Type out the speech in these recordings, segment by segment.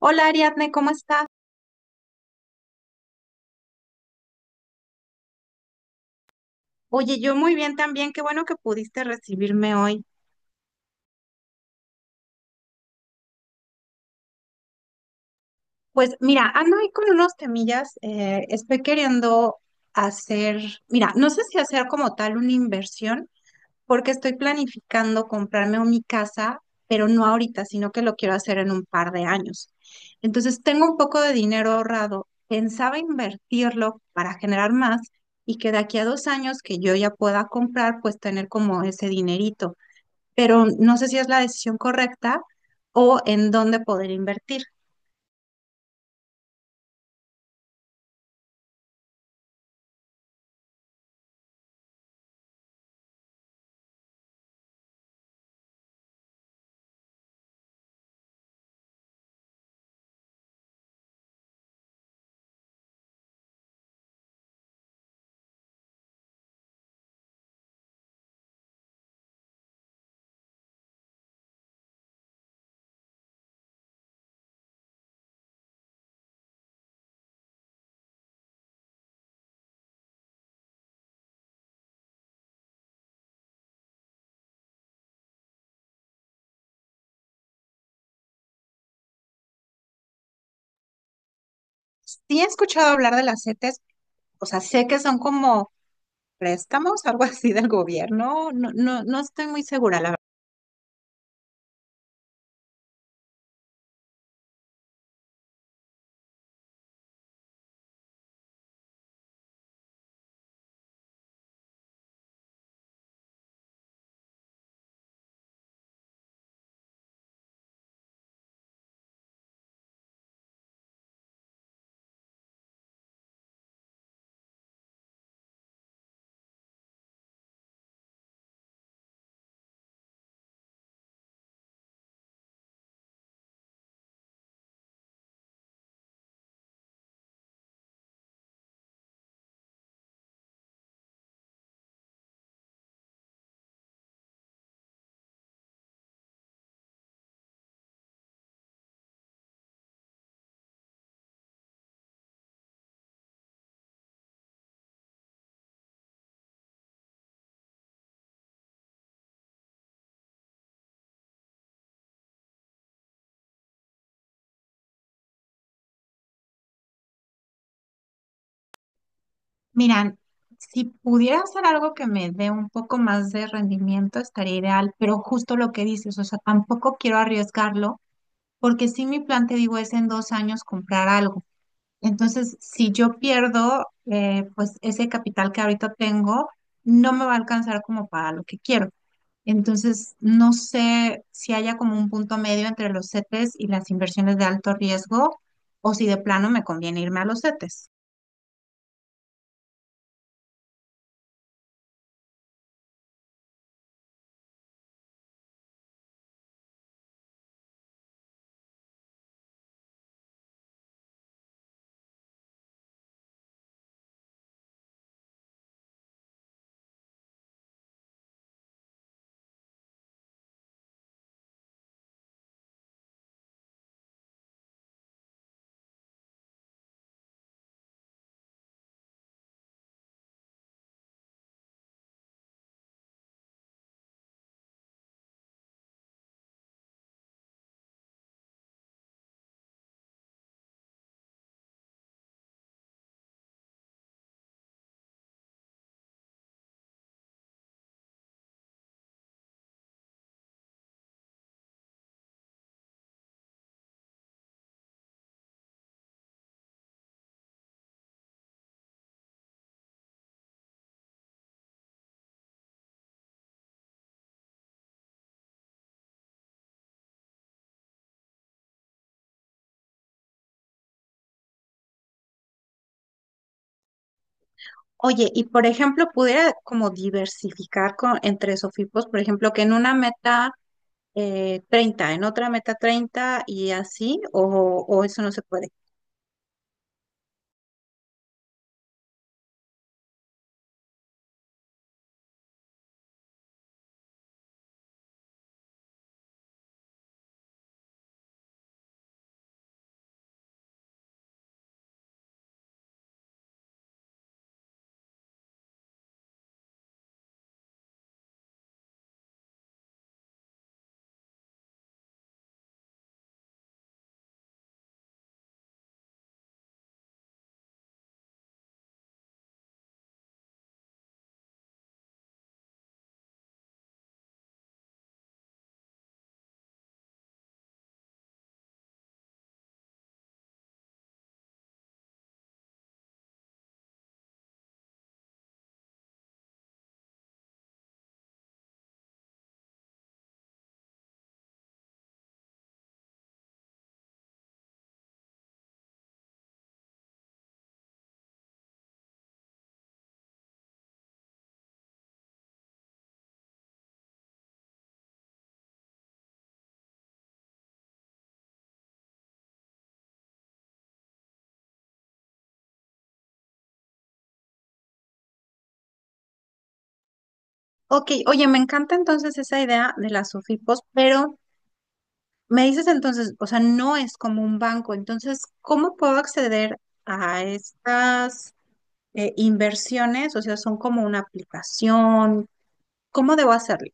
Hola Ariadne, ¿cómo estás? Oye, yo muy bien también, qué bueno que pudiste recibirme hoy. Pues mira, ando ahí con unos temillas, estoy queriendo hacer, mira, no sé si hacer como tal una inversión, porque estoy planificando comprarme mi casa, pero no ahorita, sino que lo quiero hacer en un par de años. Entonces tengo un poco de dinero ahorrado, pensaba invertirlo para generar más y que de aquí a dos años que yo ya pueda comprar, pues tener como ese dinerito. Pero no sé si es la decisión correcta o en dónde poder invertir. Sí he escuchado hablar de las CETES, o sea, sé que son como préstamos, algo así del gobierno, no estoy muy segura, la verdad. Miran, si pudiera hacer algo que me dé un poco más de rendimiento, estaría ideal, pero justo lo que dices, o sea, tampoco quiero arriesgarlo, porque si mi plan, te digo, es en dos años comprar algo. Entonces, si yo pierdo, pues ese capital que ahorita tengo no me va a alcanzar como para lo que quiero. Entonces, no sé si haya como un punto medio entre los CETES y las inversiones de alto riesgo o si de plano me conviene irme a los CETES. Oye, y por ejemplo, pudiera como diversificar con, entre SOFIPOS, por ejemplo, que en una meta 30, en otra meta 30 y así, o eso no se puede. Ok, oye, me encanta entonces esa idea de las SOFIPOS, pero me dices entonces, o sea, no es como un banco, entonces, ¿cómo puedo acceder a estas inversiones? O sea, son como una aplicación, ¿cómo debo hacerlo?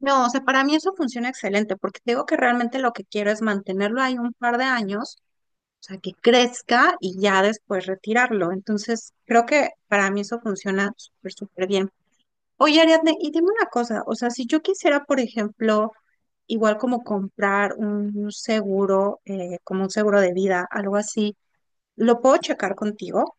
No, o sea, para mí eso funciona excelente, porque te digo que realmente lo que quiero es mantenerlo ahí un par de años, o sea, que crezca y ya después retirarlo. Entonces, creo que para mí eso funciona súper, súper bien. Oye, Ariadne, y dime una cosa, o sea, si yo quisiera, por ejemplo, igual como comprar un seguro, como un seguro de vida, algo así, ¿lo puedo checar contigo?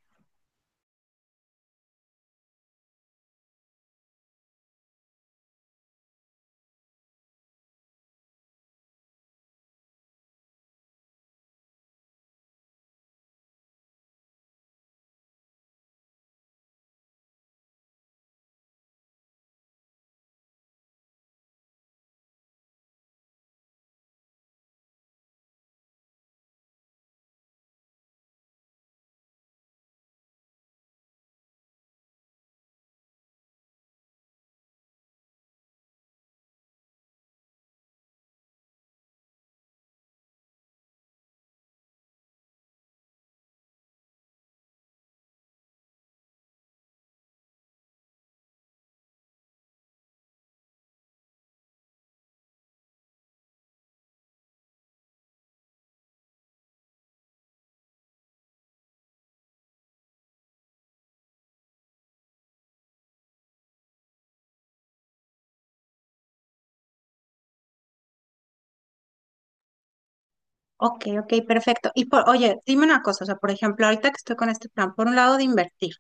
Ok, ok, perfecto. Y por, oye, dime una cosa, o sea, por ejemplo, ahorita que estoy con este plan, por un lado de invertir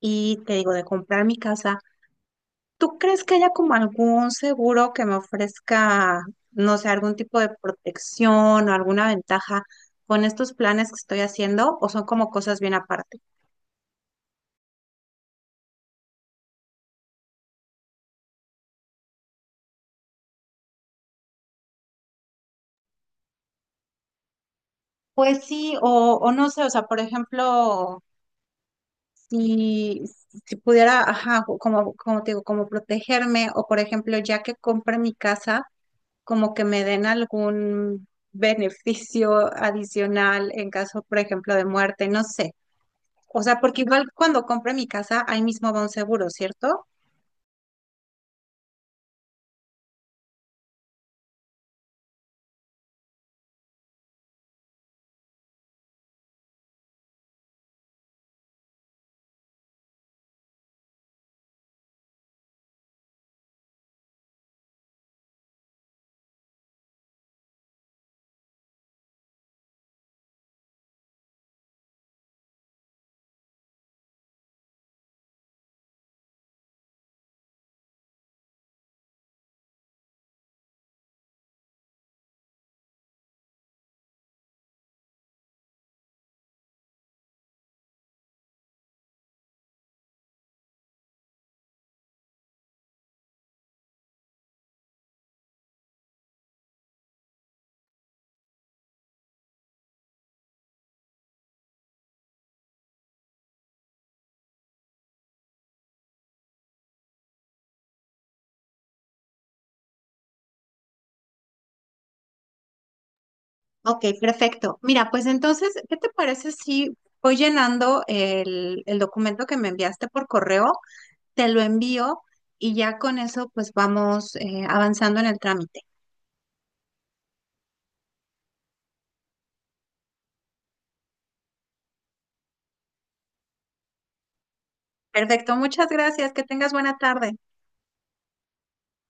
y te digo de comprar mi casa, ¿tú crees que haya como algún seguro que me ofrezca, no sé, algún tipo de protección o alguna ventaja con estos planes que estoy haciendo o son como cosas bien aparte? Pues sí, o no sé, o sea, por ejemplo, si, si pudiera, ajá, como te digo, como protegerme, o por ejemplo, ya que compre mi casa, como que me den algún beneficio adicional en caso, por ejemplo, de muerte, no sé. O sea, porque igual cuando compre mi casa, ahí mismo va un seguro, ¿cierto? Ok, perfecto. Mira, pues entonces, ¿qué te parece si voy llenando el documento que me enviaste por correo? Te lo envío y ya con eso pues vamos avanzando en el trámite. Perfecto, muchas gracias, que tengas buena tarde.